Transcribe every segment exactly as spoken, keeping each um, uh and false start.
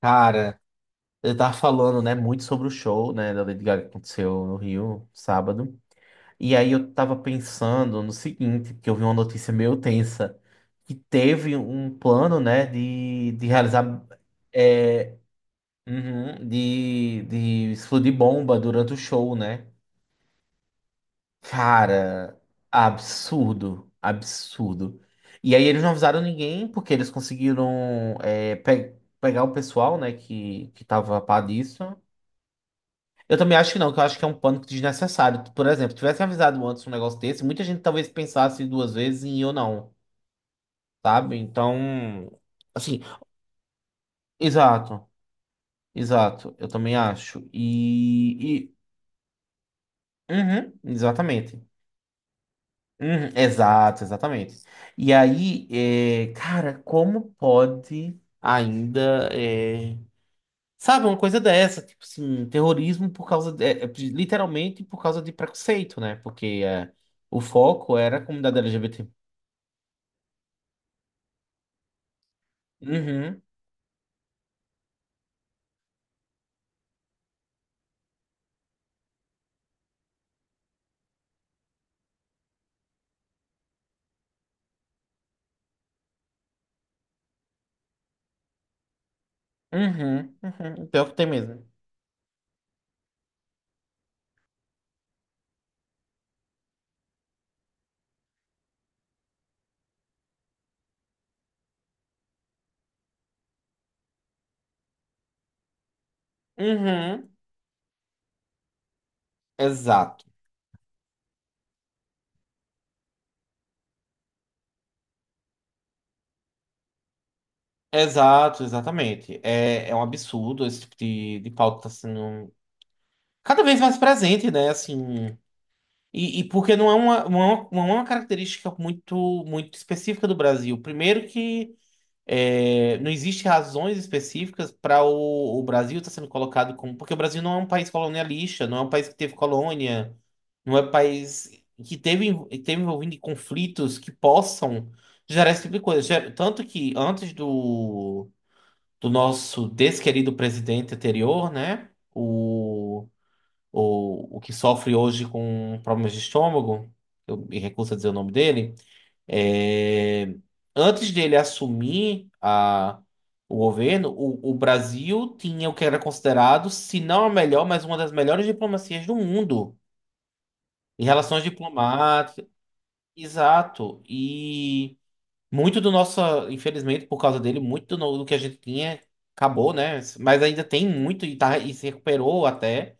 Cara, eu tava falando, né, muito sobre o show, né, da Lady Gaga que aconteceu no Rio, sábado. E aí eu tava pensando no seguinte, que eu vi uma notícia meio tensa, que teve um plano, né, de, de realizar, é, uhum, de, de explodir bomba durante o show, né? Cara, absurdo, absurdo. E aí eles não avisaram ninguém, porque eles conseguiram, é, pe- pegar o pessoal, né, que, que tava a par disso. Eu também acho que não, que eu acho que é um pânico desnecessário. Por exemplo, tivesse avisado antes um negócio desse, muita gente talvez pensasse duas vezes em ir ou não, sabe? Então, assim, exato, exato, eu também acho. E, e- uhum, exatamente. Uhum, exato, exatamente. E aí, é, cara, como pode ainda. eh, Sabe, uma coisa dessa, tipo assim, terrorismo por causa de, é, é, literalmente por causa de preconceito, né? Porque é, o foco era a comunidade L G B T. Uhum, uhum, uhum. Pior que tem mesmo. Uhum. Exato. Exato, exatamente. É, é um absurdo esse tipo de, de pauta tá sendo cada vez mais presente, né? Assim, e, e porque não é uma, uma, uma característica muito, muito específica do Brasil. Primeiro que É, não existe razões específicas para o, o Brasil estar sendo colocado como. Porque o Brasil não é um país colonialista, não é um país que teve colônia, não é um país que teve, env- teve envolvido em conflitos que possam gerar esse tipo de coisa. Ger- Tanto que antes do, do nosso desquerido presidente anterior, né? O, o, o que sofre hoje com problemas de estômago, eu me recuso a dizer o nome dele. É, antes dele assumir a, o governo, o, o Brasil tinha o que era considerado, se não a melhor, mas uma das melhores diplomacias do mundo em relações diplomáticas. Exato. E muito do nosso, infelizmente, por causa dele, muito do, no- do que a gente tinha acabou, né? Mas ainda tem muito e, tá, e se recuperou até.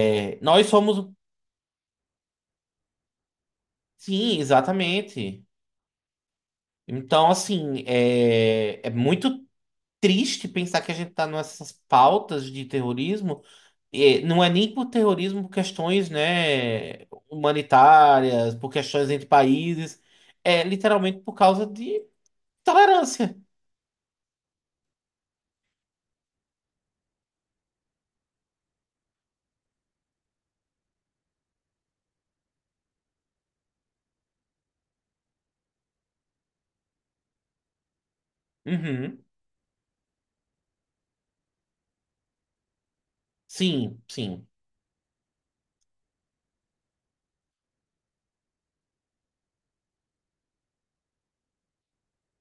É, nós somos. Sim, exatamente. Então, assim, é, é muito. Triste pensar que a gente está nessas pautas de terrorismo, e não é nem por terrorismo, por questões, né, humanitárias, por questões entre países, é literalmente por causa de tolerância. Uhum. Sim, sim.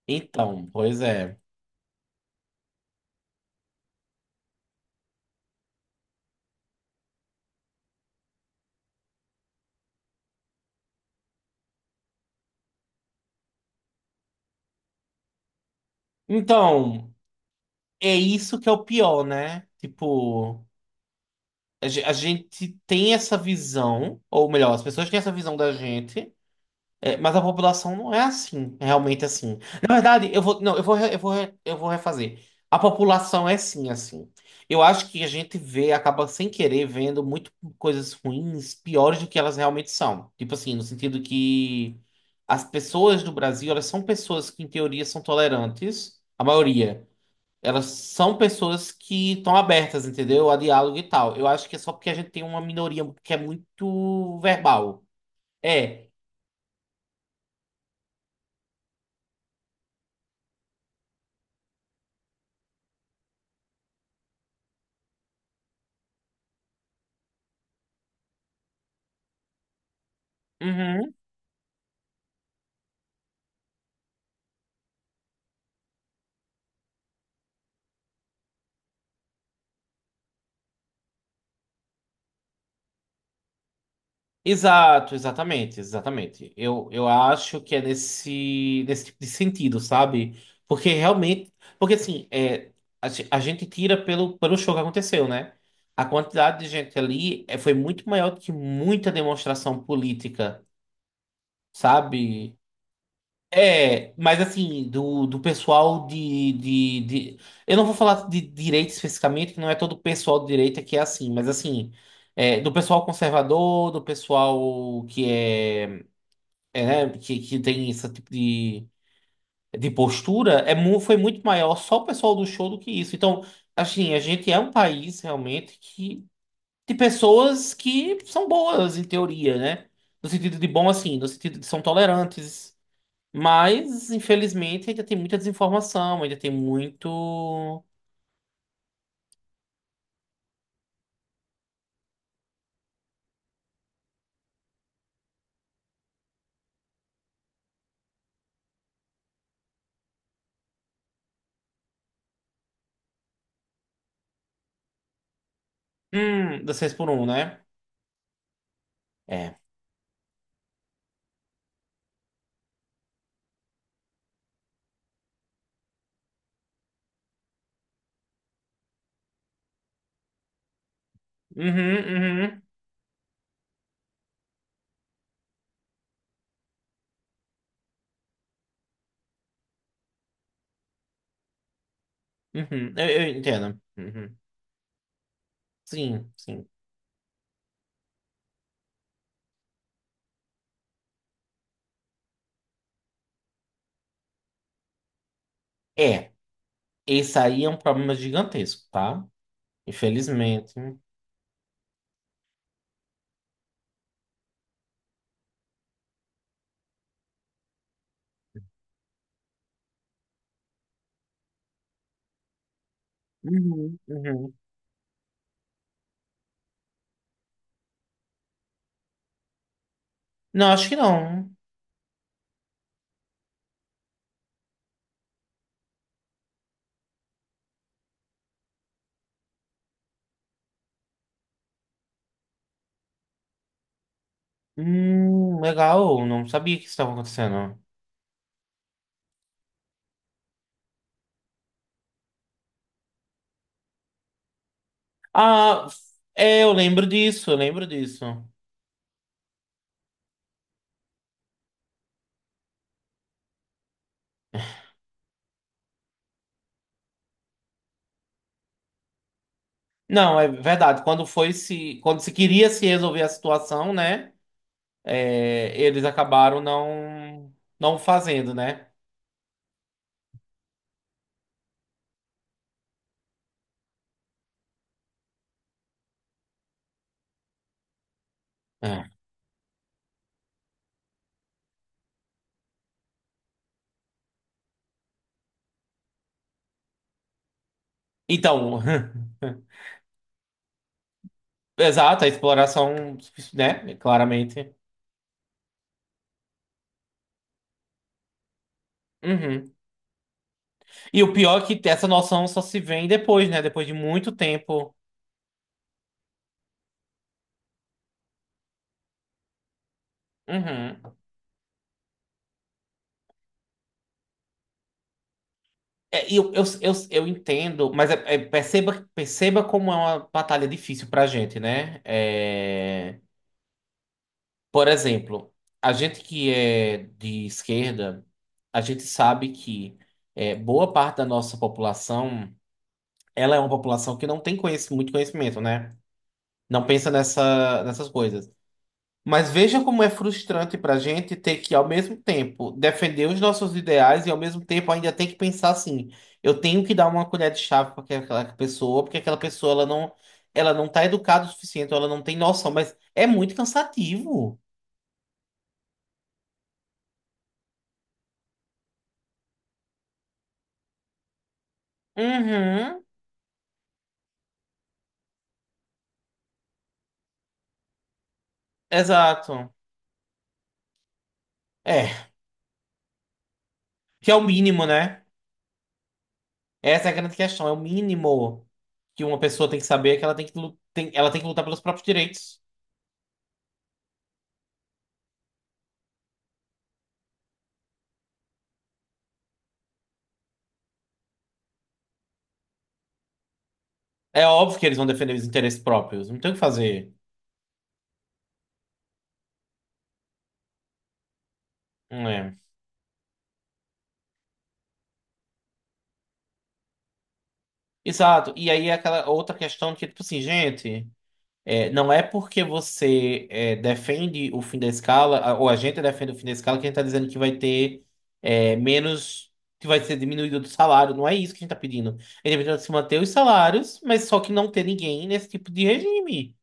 Então, pois é. Então, é isso que é o pior, né? Tipo, a ge- a gente tem essa visão, ou melhor, as pessoas têm essa visão da gente. É, mas a população não é assim, é realmente assim. Na verdade, eu vou, não, eu vou, re- eu vou, re- eu vou refazer. A população é sim assim. Eu acho que a gente vê, acaba sem querer vendo muito coisas ruins, piores do que elas realmente são. Tipo assim, no sentido que as pessoas do Brasil, elas são pessoas que em teoria são tolerantes, a maioria. Elas são pessoas que estão abertas, entendeu? A diálogo e tal. Eu acho que é só porque a gente tem uma minoria que é muito verbal. É. Uhum. Exato, exatamente, exatamente. Eu, eu acho que é nesse, nesse tipo de sentido, sabe? Porque realmente. Porque assim, é, a, ge- a gente tira pelo, pelo show que aconteceu, né? A quantidade de gente ali é, foi muito maior do que muita demonstração política, sabe? É, mas assim, do, do pessoal de, de, de. Eu não vou falar de direita especificamente, que não é todo pessoal de direita que é assim, mas assim, é, do pessoal conservador, do pessoal que é é, né, que, que tem esse tipo de, de postura, é, mu- foi muito maior só o pessoal do show do que isso. Então, assim, a gente é um país realmente que, de pessoas que são boas, em teoria, né? No sentido de bom, assim, no sentido de são tolerantes. Mas, infelizmente, ainda tem muita desinformação, ainda tem muito. Hum, da seis por um, né? É. Uhum, uhum, uhum. Eu, eu entendo. Uhum. Sim, sim. É. Esse aí é um problema gigantesco, tá? Infelizmente. Uhum, uhum. Não, acho que não. Hum, legal, não sabia que isso estava acontecendo. Ah, é, eu lembro disso, eu lembro disso. Não, é verdade. Quando foi se, quando se queria se resolver a situação, né? é, eles acabaram não, não fazendo, né? É. Então, exato, a exploração, né? Claramente. Uhum. E o pior é que essa noção só se vem depois, né? Depois de muito tempo. Uhum. É, e eu, eu, eu, eu entendo, mas é- é, perceba, perceba como é uma batalha difícil pra gente, né? É, por exemplo, a gente que é de esquerda, a gente sabe que é, boa parte da nossa população, ela é uma população que não tem conhecimento, muito conhecimento, né? Não pensa nessa, nessas coisas. Mas veja como é frustrante para a gente ter que, ao mesmo tempo, defender os nossos ideais e, ao mesmo tempo, ainda tem que pensar assim: eu tenho que dar uma colher de chá para aquela pessoa, porque aquela pessoa ela não, ela não está educada o suficiente, ela não tem noção. Mas é muito cansativo. Uhum, exato. É, que é o mínimo, né? Essa é a grande questão: é o mínimo que uma pessoa tem que saber é que ela tem que, lu- tem, ela tem que lutar pelos próprios direitos. É óbvio que eles vão defender os interesses próprios, não tem o que fazer. É. Exato. E aí é aquela outra questão que, tipo assim, gente, é, não é porque você é, defende o fim da escala, a- ou a gente defende o fim da escala, que a gente está dizendo que vai ter é, menos, que vai ser diminuído do salário. Não é isso que a gente está pedindo. A gente está pedindo se manter os salários, mas só que não ter ninguém nesse tipo de regime.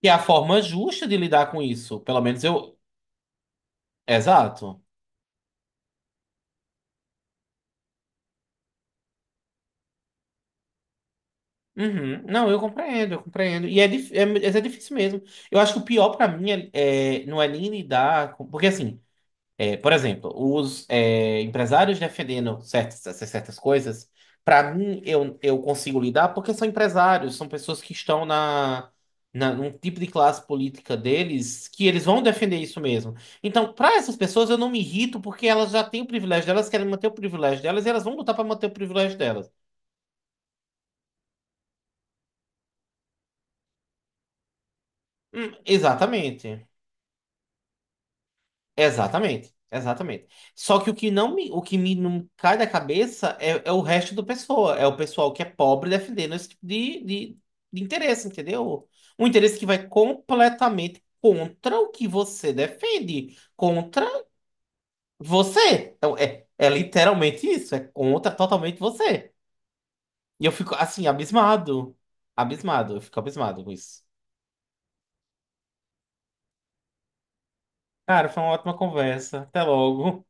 Que é a forma justa de lidar com isso. Pelo menos eu. Exato. Uhum. Não, eu compreendo, eu compreendo. E é, dif- é, mas é difícil mesmo. Eu acho que o pior pra mim é, é- não é nem lidar com. Porque assim. É, por exemplo, os é, empresários defendendo certas, essas certas coisas, para mim, eu, eu consigo lidar porque são empresários, são pessoas que estão na, na num tipo de classe política deles que eles vão defender isso mesmo. Então, para essas pessoas, eu não me irrito porque elas já têm o privilégio delas, querem manter o privilégio delas e elas vão lutar para manter o privilégio delas. Hum, exatamente. Exatamente, exatamente. Só que o que não me, o que me não cai da cabeça é, é o resto do pessoal é o pessoal que é pobre defendendo esse tipo de, de, de interesse, entendeu? Um interesse que vai completamente contra o que você defende, contra você. Então, é, é literalmente isso, é contra totalmente você. E eu fico assim, abismado. Abismado, eu fico abismado com isso. Cara, foi uma ótima conversa. Até logo.